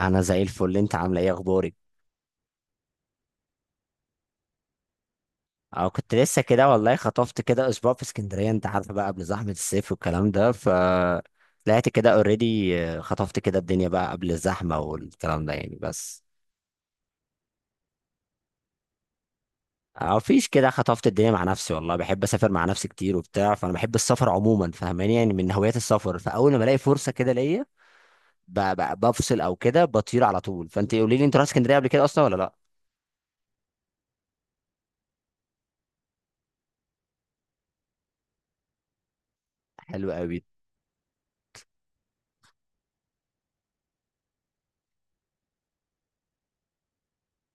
انا زي الفل، انت عامله ايه؟ اخبارك؟ اه، كنت لسه كده والله، خطفت كده اسبوع في اسكندريه. انت عارفه بقى قبل زحمه الصيف والكلام ده. ف طلعت كده اوريدي. خطفت كده الدنيا بقى قبل الزحمه والكلام ده يعني بس. اه فيش كده، خطفت الدنيا مع نفسي والله. بحب اسافر مع نفسي كتير وبتاع، فانا بحب السفر عموما، فاهماني يعني؟ من هوايات السفر. فاول ما الاقي فرصه كده ليا، بفصل او كده، بطير على طول. فانت قولي لي، انت رحت اسكندريه قبل كده اصلا ولا لا؟ حلو قوي.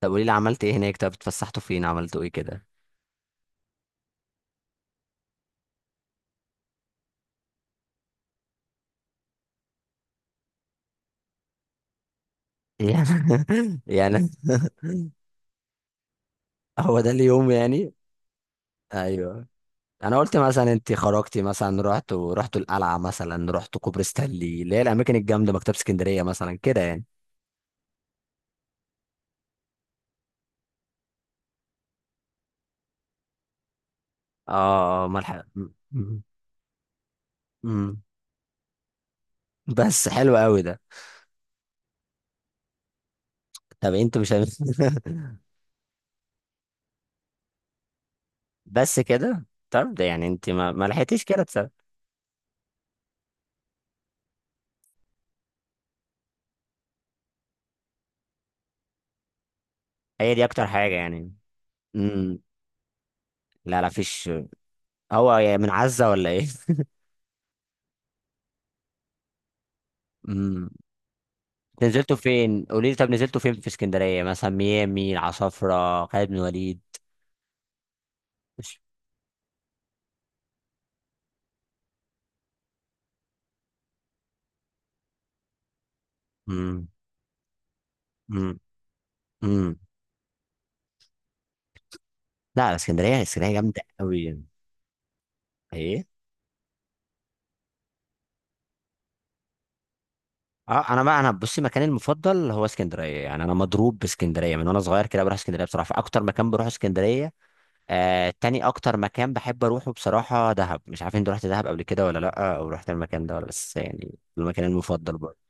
طب قولي لي، عملت ايه هناك؟ طب اتفسحتوا فين؟ عملتوا ايه كده؟ يعني يعني هو ده اليوم يعني؟ ايوه. انا قلت مثلا انت خرجتي مثلا، رحت ورحت القلعه مثلا، رحت كوبري ستانلي، اللي هي الاماكن الجامده، مكتبه اسكندريه مثلا كده يعني. اه ملحق. بس حلو قوي ده. طب انت مش هم... بس كده؟ طب ده يعني انت ما لحقتيش كده تسأل؟ هي دي اكتر حاجه يعني؟ امم. لا فيش. هو يعني من عزه ولا ايه؟ امم. نزلتوا فين قولي لي؟ طب نزلتوا فين في اسكندريه؟ مثلا ميامي، العصافره، خالد بن وليد؟ امم. امم. امم. لا، اسكندريه اسكندريه جامده قوي. ايه؟ اه انا بقى، انا بصي، مكاني المفضل هو اسكندريه. يعني انا مضروب باسكندريه من وانا صغير كده، بروح اسكندريه بصراحه، فاكتر مكان بروح اسكندريه. آه تاني اكتر مكان بحب اروحه بصراحه دهب. مش عارف انت رحت دهب قبل كده ولا لا، او رحت المكان ده ولا؟ بس يعني المكان المفضل برضه.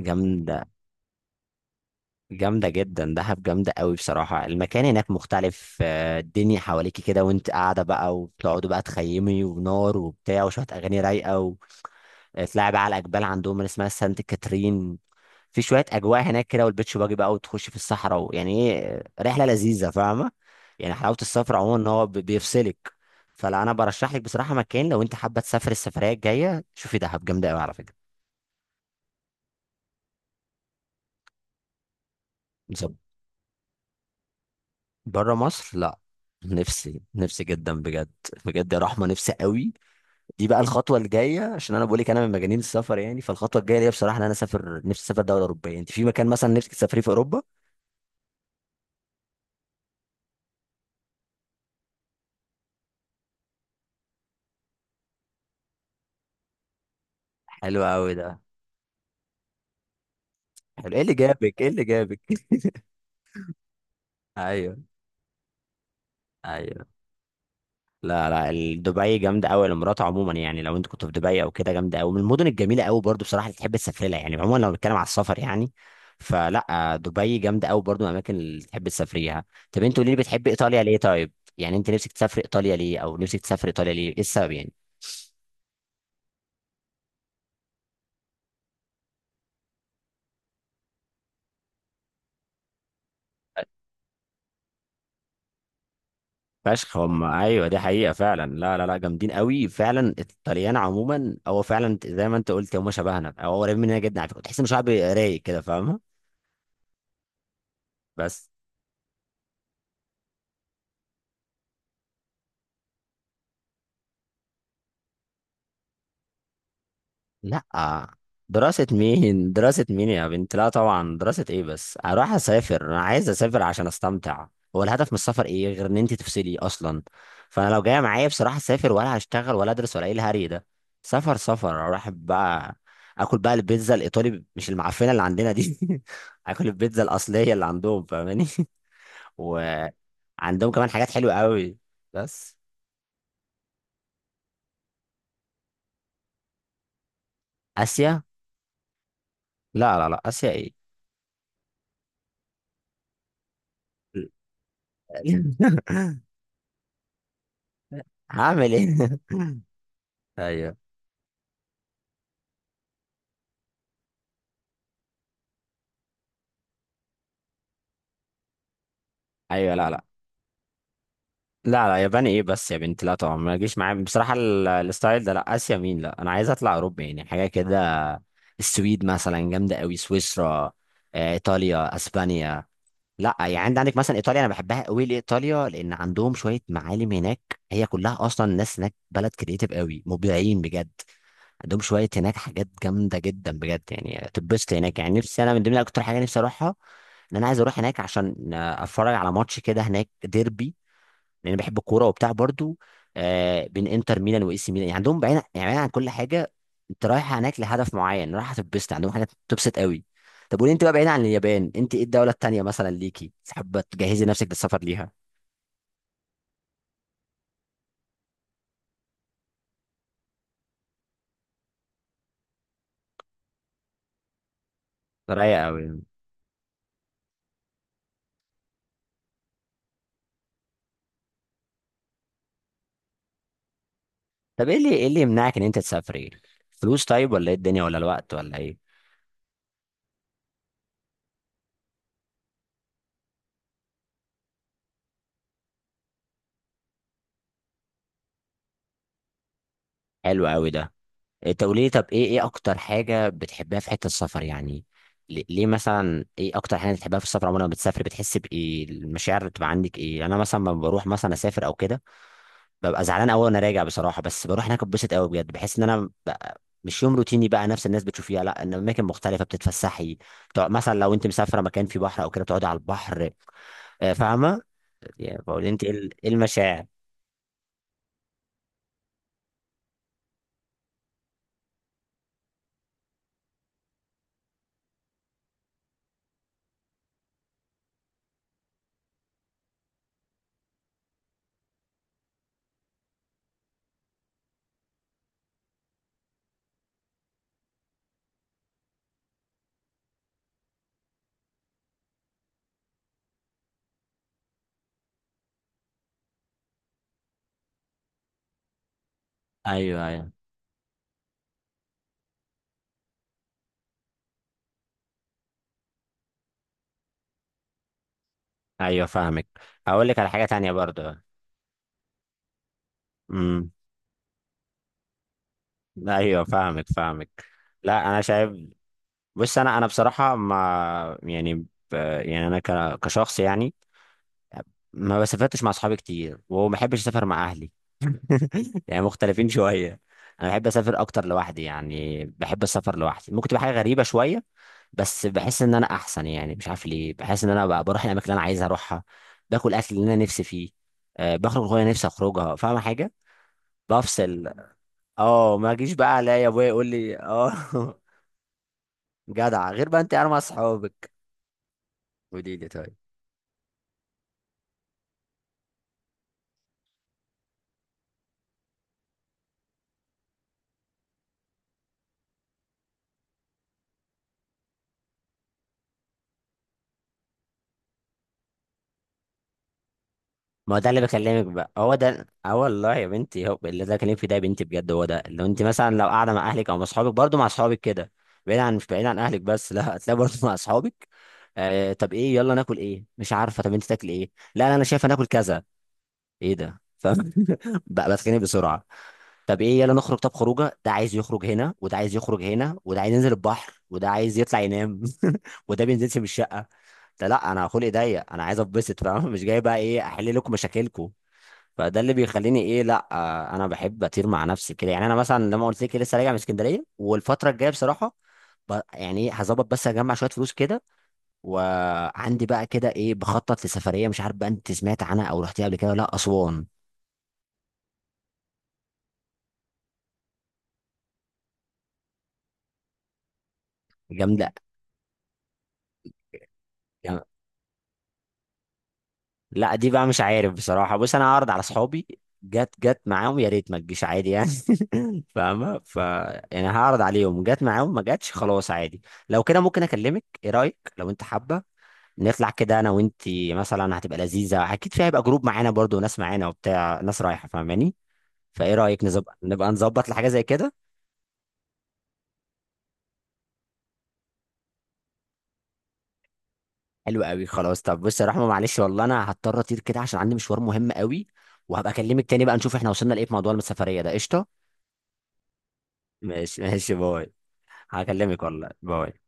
جامده، جامدة جدا دهب، جامدة قوي بصراحة. المكان هناك مختلف، آه، الدنيا حواليكي كده وانت قاعدة بقى، وبتقعدوا بقى تخيمي ونار وبتاع وشوية أغاني رايقة، وتلاعب بقى على الأجبال عندهم اللي اسمها سانت كاترين. في شوية أجواء هناك كده، والبيتش باجي بقى، وتخش في الصحراء، ويعني إيه، رحلة لذيذة، فاهمة يعني؟ حلاوة السفر عموما إن هو بيفصلك. فلا، أنا برشح لك بصراحة مكان لو انت حابة تسافر السفرية الجاية، شوفي دهب جامدة قوي على فكرة. بره مصر لا. نفسي، نفسي جدا بجد. بجد يا رحمه، نفسي قوي. دي بقى الخطوه الجايه، عشان انا بقول لك انا من مجانين السفر يعني. فالخطوه الجايه ليا بصراحه ان انا اسافر، نفسي اسافر دوله اوروبيه. انت في مكان مثلا نفسك تسافريه في اوروبا؟ حلو قوي ده. حلو، ايه اللي جابك؟ ايه اللي جابك؟ ايوه. ايوه. لا لا، دبي جامده قوي، الامارات عموما يعني. لو انت كنت في دبي او كده، جامده قوي، من المدن الجميله قوي برضو بصراحه، اللي تحب تسافر لها يعني عموما لو بنتكلم على السفر يعني. فلا، آه، دبي جامده قوي برضو، من الاماكن اللي تحب تسافريها. طب انت قولي لي، بتحب ايطاليا ليه طيب؟ يعني انت نفسك تسافر ايطاليا ليه، او نفسك تسافر ايطاليا ليه؟ ايه السبب يعني؟ فشخ هم، ايوه دي حقيقه فعلا. لا، جامدين قوي فعلا الطليان عموما. هو فعلا زي ما انت قلت، هم شبهنا او قريبين مننا جدا على فكره. تحس ان شعب رايق كده، فاهمه. بس. لا دراسة مين، دراسة مين يا بنت؟ لا طبعا دراسة ايه بس؟ اروح اسافر انا عايز اسافر عشان استمتع. هو الهدف من السفر ايه غير ان انت تفصلي اصلا؟ فانا لو جاية معايا بصراحة، اسافر ولا هشتغل ولا ادرس ولا ايه الهري ده؟ سفر سفر، اروح بقى اكل بقى البيتزا الايطالي، مش المعفنة اللي عندنا دي. اكل البيتزا الاصلية اللي عندهم، فاهماني؟ وعندهم كمان حاجات حلوة قوي. بس. اسيا؟ لا اسيا ايه؟ هعمل ايه؟ ايوه. ايوه. لا ياباني ايه بس يا بنت؟ لا طبعا، ما تجيش معايا بصراحه الستايل ده. لا اسيا مين؟ لا انا عايز اطلع اوروبا، يعني حاجه كده. السويد مثلا جامده قوي، سويسرا، آه، ايطاليا، اسبانيا. لا يعني عندك مثلا ايطاليا، انا بحبها قوي لايطاليا لان عندهم شويه معالم هناك. هي كلها اصلا الناس هناك بلد كريتيف قوي، مبدعين بجد. عندهم شويه هناك حاجات جامده جدا بجد، يعني تتبسط هناك يعني. نفسي انا من ضمن اكتر حاجه نفسي اروحها، ان انا عايز اروح هناك عشان آه، اتفرج على ماتش كده هناك، ديربي يعني. بحب الكوره وبتاع برضو. آه بين انتر ميلان واي سي ميلان. يعني عندهم بعيد، يعني بعيد عن كل حاجه. انت رايح هناك لهدف معين، رايح هتتبسط عندهم، حاجه تبسط قوي. طب قولي انت بقى، بعيد عن اليابان، انت ايه الدوله التانيه مثلا ليكي حابه تجهزي نفسك للسفر ليها؟ ده رايق قوي يعني. طب ايه اللي، ايه اللي يمنعك ان انت تسافري؟ فلوس طيب؟ ولا ايه الدنيا؟ ولا الوقت ولا ايه؟ حلو قوي ده. انت قولي لي طب، ايه، ايه اكتر حاجه بتحبها في حته السفر يعني؟ ليه مثلا، ايه اكتر حاجه بتحبها في السفر عموما؟ لما بتسافر بتحس بايه؟ المشاعر اللي بتبقى عندك ايه؟ يعني انا مثلا لما بروح مثلا اسافر او كده، ببقى زعلان قوي وانا راجع بصراحه، بس بروح هناك اتبسط قوي بجد. بحس ان انا بقى مش يوم روتيني بقى، نفس الناس بتشوفيها، لا ان اماكن مختلفه بتتفسحي، بتقعد مثلا لو انت مسافره مكان فيه بحر او كده بتقعدي على البحر، آه، فاهمه يعني؟ بقول انت ايه ايه المشاعر؟ ايوه. ايوه. ايوه فاهمك. هقول لك على حاجه تانية برضه. امم. ايوه فاهمك، فاهمك. لا انا شايف. بص انا، انا بصراحه ما يعني ب... يعني انا ك... كشخص يعني، ما بسافرتش مع اصحابي كتير، وما بحبش اسافر مع اهلي. يعني مختلفين شويه. انا بحب اسافر اكتر لوحدي، يعني بحب السفر لوحدي. ممكن تبقى حاجه غريبه شويه، بس بحس ان انا احسن. يعني مش عارف ليه، بحس ان انا بقى بروح الاماكن اللي انا عايز اروحها، باكل اكل اللي انا نفسي فيه، أه بخرج وانا نفسي اخرجها، فاهم حاجه؟ بفصل. اه ما اجيش بقى الاقي ابويا يقول لي اه. جدع، غير بقى انت قاعد مع اصحابك. قولي لي طيب. ما هو ده اللي بكلمك بقى، هو ده، اه والله يا بنتي، هو اللي ده بكلمك في ده يا بنتي بجد. هو ده، لو انت مثلا لو قاعده مع اهلك او مع اصحابك برضه، مع اصحابك كده بعيد عن، مش بعيد عن اهلك بس، لا، هتلاقي برضه مع اصحابك. آه طب ايه، يلا ناكل ايه؟ مش عارفه، طب انت تاكل ايه؟ لا لا، انا شايفه ناكل كذا. ايه ده؟ فاهم؟ بقى بتخانق بسرعه. طب ايه، يلا نخرج. طب خروجه، ده عايز يخرج هنا، وده عايز يخرج هنا، وده عايز ينزل البحر، وده عايز يطلع ينام. وده بينزلش من الشقه. ده لا، انا خلقي ضيق، انا عايز اتبسط فاهم؟ مش جاي بقى ايه احل لكم مشاكلكم. فده اللي بيخليني ايه، لا آه، انا بحب اطير مع نفسي كده. يعني انا مثلا لما قلت لك لسه راجع من اسكندريه، والفتره الجايه بصراحه يعني ايه هظبط، بس اجمع شويه فلوس كده، وعندي بقى كده ايه، بخطط لسفريه. مش عارف بقى انت سمعت عنها او رحتيها قبل كده ولا لا، اسوان؟ جامده. لا دي بقى مش عارف بصراحة. بص أنا هعرض على أصحابي، جت جت معاهم يا ريت، ما تجيش عادي يعني. فاهمة؟ ف يعني هعرض عليهم، جت معاهم، ما جاتش خلاص عادي. لو كده، ممكن أكلمك، إيه رأيك لو أنت حابة نطلع كده أنا وأنتي مثلا؟ هتبقى لذيذة أكيد فيها، هيبقى جروب معانا برضو، ناس معانا وبتاع، ناس رايحة فاهماني. فإيه رأيك نظبط، نبقى نظبط لحاجة زي كده؟ حلو قوي، خلاص. طب بص يا رحمة معلش، والله أنا هضطر أطير كده عشان عندي مشوار مهم قوي. وهبقى أكلمك تاني بقى نشوف إحنا وصلنا لإيه في موضوع السفرية ده، قشطة؟ ماشي ماشي، باي. هكلمك والله، باي.